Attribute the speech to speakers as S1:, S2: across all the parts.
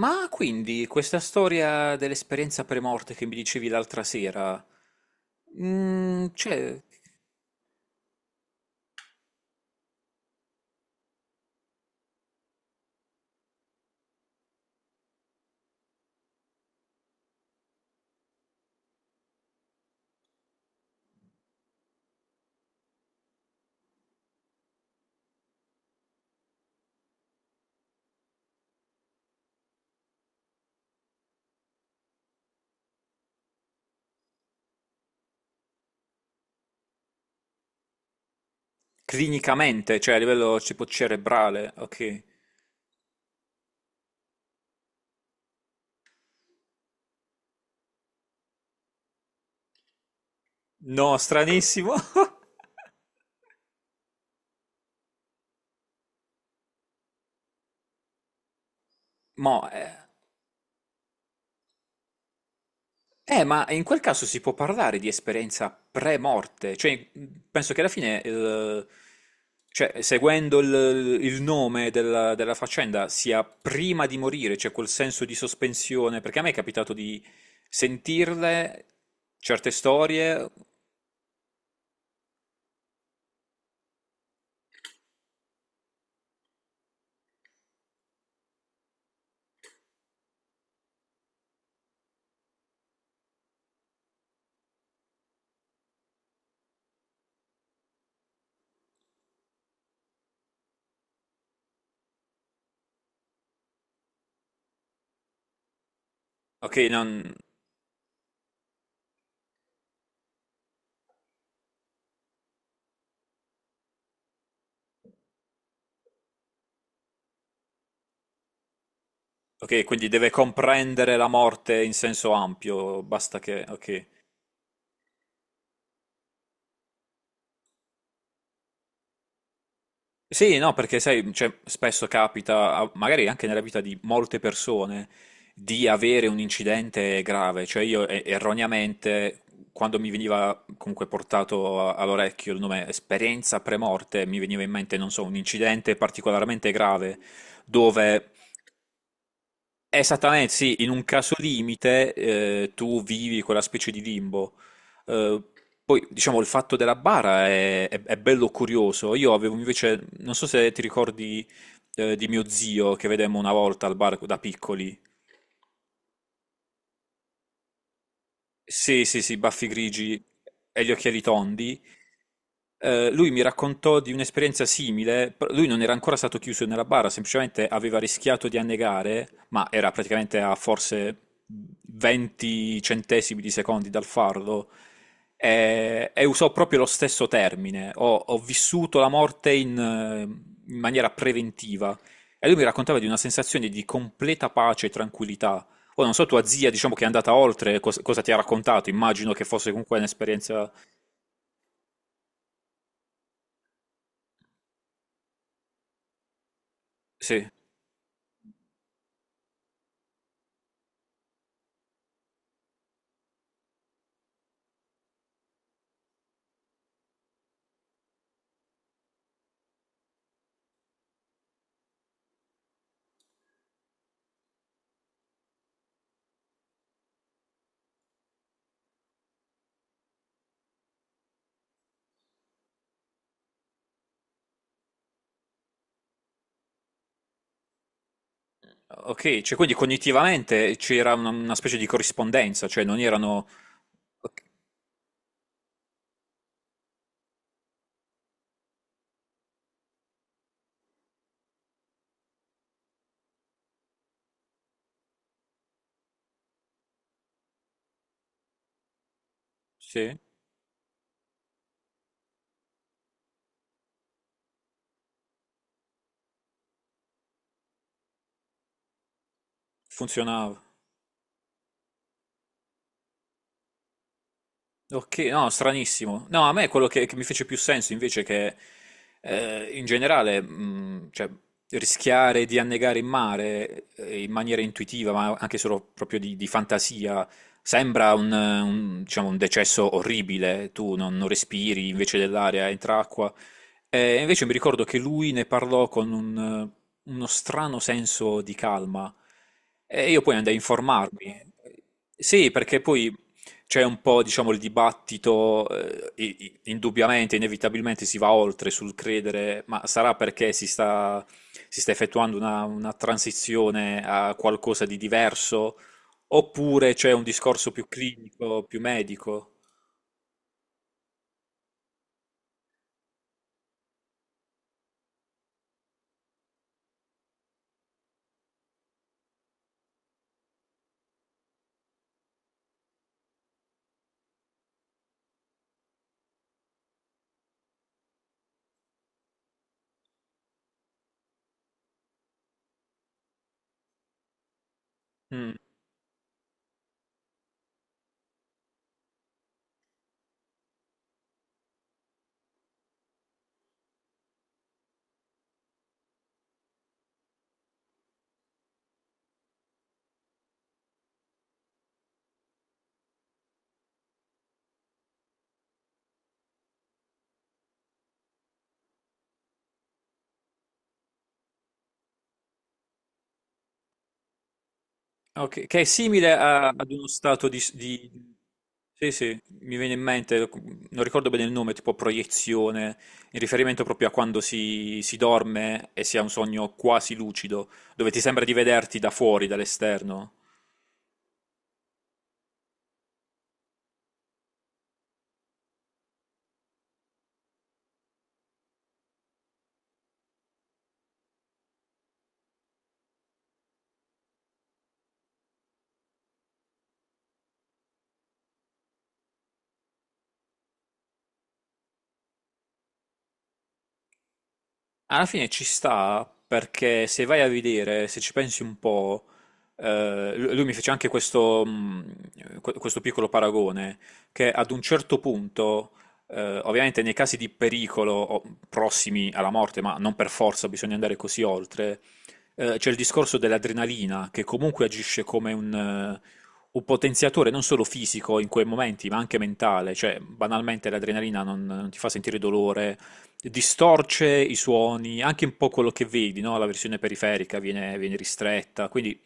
S1: Ma quindi questa storia dell'esperienza premorte che mi dicevi l'altra sera, cioè, clinicamente, cioè a livello tipo cerebrale, ok. No, stranissimo. Mo, eh, ma in quel caso si può parlare di esperienza pre-morte, cioè penso che alla fine, cioè, seguendo il nome della faccenda, sia prima di morire, cioè quel senso di sospensione, perché a me è capitato di sentirle certe storie, ok, ok, quindi deve comprendere la morte in senso ampio, basta che, ok. Sì, no, perché sai, cioè, spesso capita, magari anche nella vita di molte persone, di avere un incidente grave. Cioè io erroneamente, quando mi veniva comunque portato all'orecchio il nome esperienza premorte, mi veniva in mente, non so, un incidente particolarmente grave dove. Esattamente, sì, in un caso limite tu vivi quella specie di limbo. Eh, Poi, diciamo, il fatto della bara è, è bello curioso. Io avevo invece, non so se ti ricordi di mio zio che vedemmo una volta al bar da piccoli. Sì, sì, sì, baffi grigi e gli occhiali tondi. Lui mi raccontò di un'esperienza simile. Però lui non era ancora stato chiuso nella bara, semplicemente aveva rischiato di annegare, ma era praticamente a forse 20 centesimi di secondi dal fardo. E usò proprio lo stesso termine. Ho vissuto la morte in maniera preventiva. E lui mi raccontava di una sensazione di completa pace e tranquillità. Poi non so, tua zia, diciamo che è andata oltre, cosa ti ha raccontato? Immagino che fosse comunque un'esperienza... Sì, ok, cioè quindi cognitivamente c'era una specie di corrispondenza, cioè non erano... Ok, sì, funzionava. Ok, no, stranissimo. No, a me quello che mi fece più senso invece che in generale, cioè, rischiare di annegare in mare in maniera intuitiva, ma anche solo proprio di fantasia, sembra un, diciamo, un decesso orribile. Tu non respiri, invece dell'aria entra acqua. E invece mi ricordo che lui ne parlò con uno strano senso di calma. E io poi andai a informarmi. Sì, perché poi c'è un po', diciamo, il dibattito, indubbiamente, inevitabilmente si va oltre sul credere, ma sarà perché si sta effettuando una transizione a qualcosa di diverso, oppure c'è un discorso più clinico, più medico? Mm. Ok, che è simile ad uno stato di, s- di... Sì, sì, mi viene in mente, non ricordo bene il nome, tipo proiezione, in riferimento proprio a quando si dorme e si ha un sogno quasi lucido, dove ti sembra di vederti da fuori, dall'esterno. Alla fine ci sta perché se vai a vedere, se ci pensi un po', lui mi fece anche questo, questo piccolo paragone, che ad un certo punto, ovviamente nei casi di pericolo o prossimi alla morte, ma non per forza bisogna andare così oltre, c'è il discorso dell'adrenalina che comunque agisce come un potenziatore non solo fisico in quei momenti, ma anche mentale, cioè banalmente l'adrenalina non ti fa sentire dolore, distorce i suoni, anche un po' quello che vedi, no? La versione periferica viene ristretta, quindi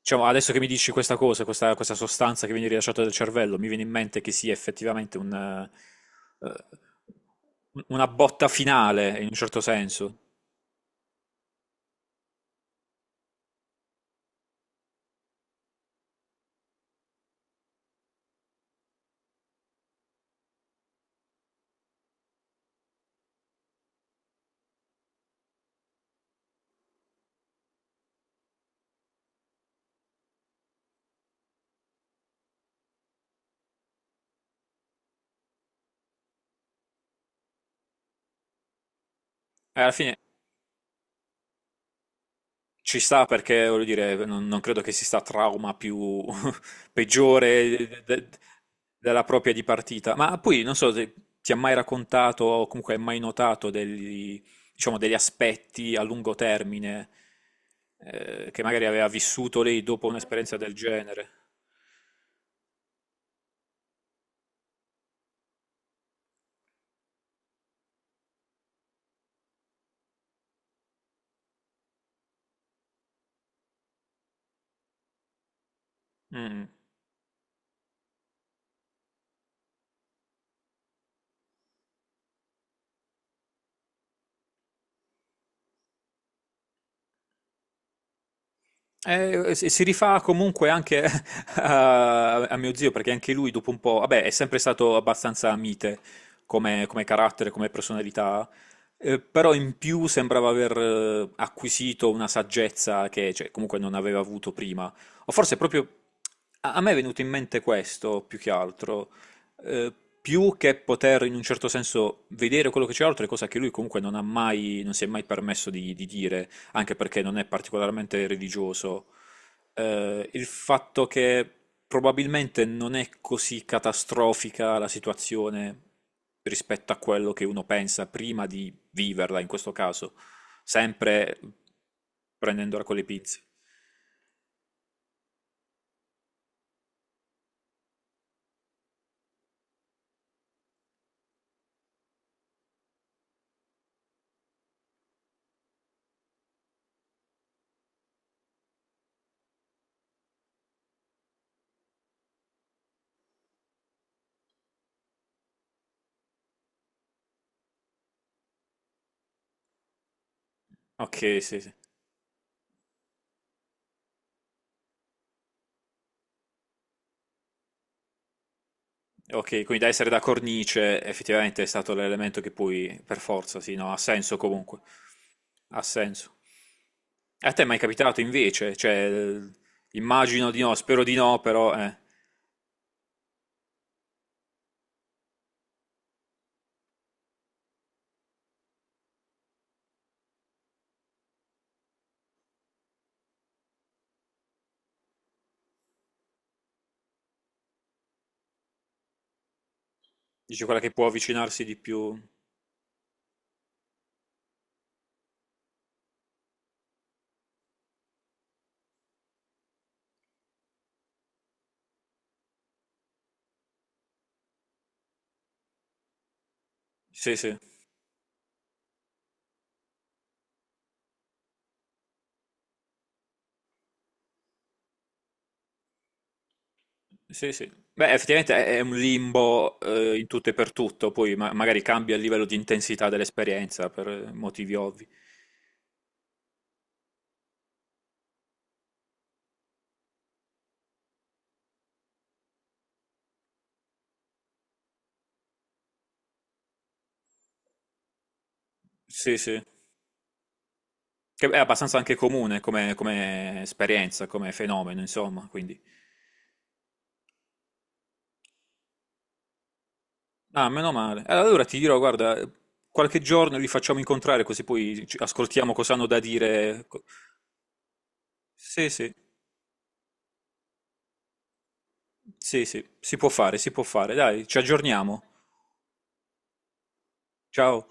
S1: diciamo, adesso che mi dici questa cosa, questa sostanza che viene rilasciata dal cervello, mi viene in mente che sia effettivamente una botta finale, in un certo senso. E alla fine ci sta perché, voglio dire, non credo che si sta trauma più, peggiore della propria di partita. Ma poi non so se ti ha mai raccontato o comunque hai mai notato degli, diciamo, degli aspetti a lungo termine che magari aveva vissuto lei dopo un'esperienza del genere. Mm. Si rifà comunque anche a, a mio zio, perché anche lui dopo un po', vabbè, è sempre stato abbastanza mite come carattere, come personalità, però in più sembrava aver acquisito una saggezza che, cioè, comunque non aveva avuto prima. O forse proprio a me è venuto in mente questo più che altro, eh, più che poter in un certo senso vedere quello che c'è oltre, cosa che lui comunque non ha mai, non si è mai permesso di dire anche perché non è particolarmente religioso, il fatto che probabilmente non è così catastrofica la situazione rispetto a quello che uno pensa prima di viverla, in questo caso, sempre prendendola con le pinze. Ok, sì, sì. Ok, quindi da essere da cornice effettivamente è stato l'elemento che poi, per forza, sì, no, ha senso comunque. Ha senso. A te è mai capitato invece? Cioè, immagino di no, spero di no, però, dici quella che può avvicinarsi di più. Sì, sì, sì, sì. Beh, effettivamente è un limbo, in tutto e per tutto, poi magari cambia il livello di intensità dell'esperienza per motivi ovvi. Sì, sì. Che è abbastanza anche comune come esperienza, come fenomeno, insomma, quindi. Ah, meno male. Allora ti dirò, guarda, qualche giorno li facciamo incontrare così poi ascoltiamo cosa hanno da dire. Sì, sì, sì, sì, si può fare, si può fare. Dai, ci aggiorniamo. Ciao.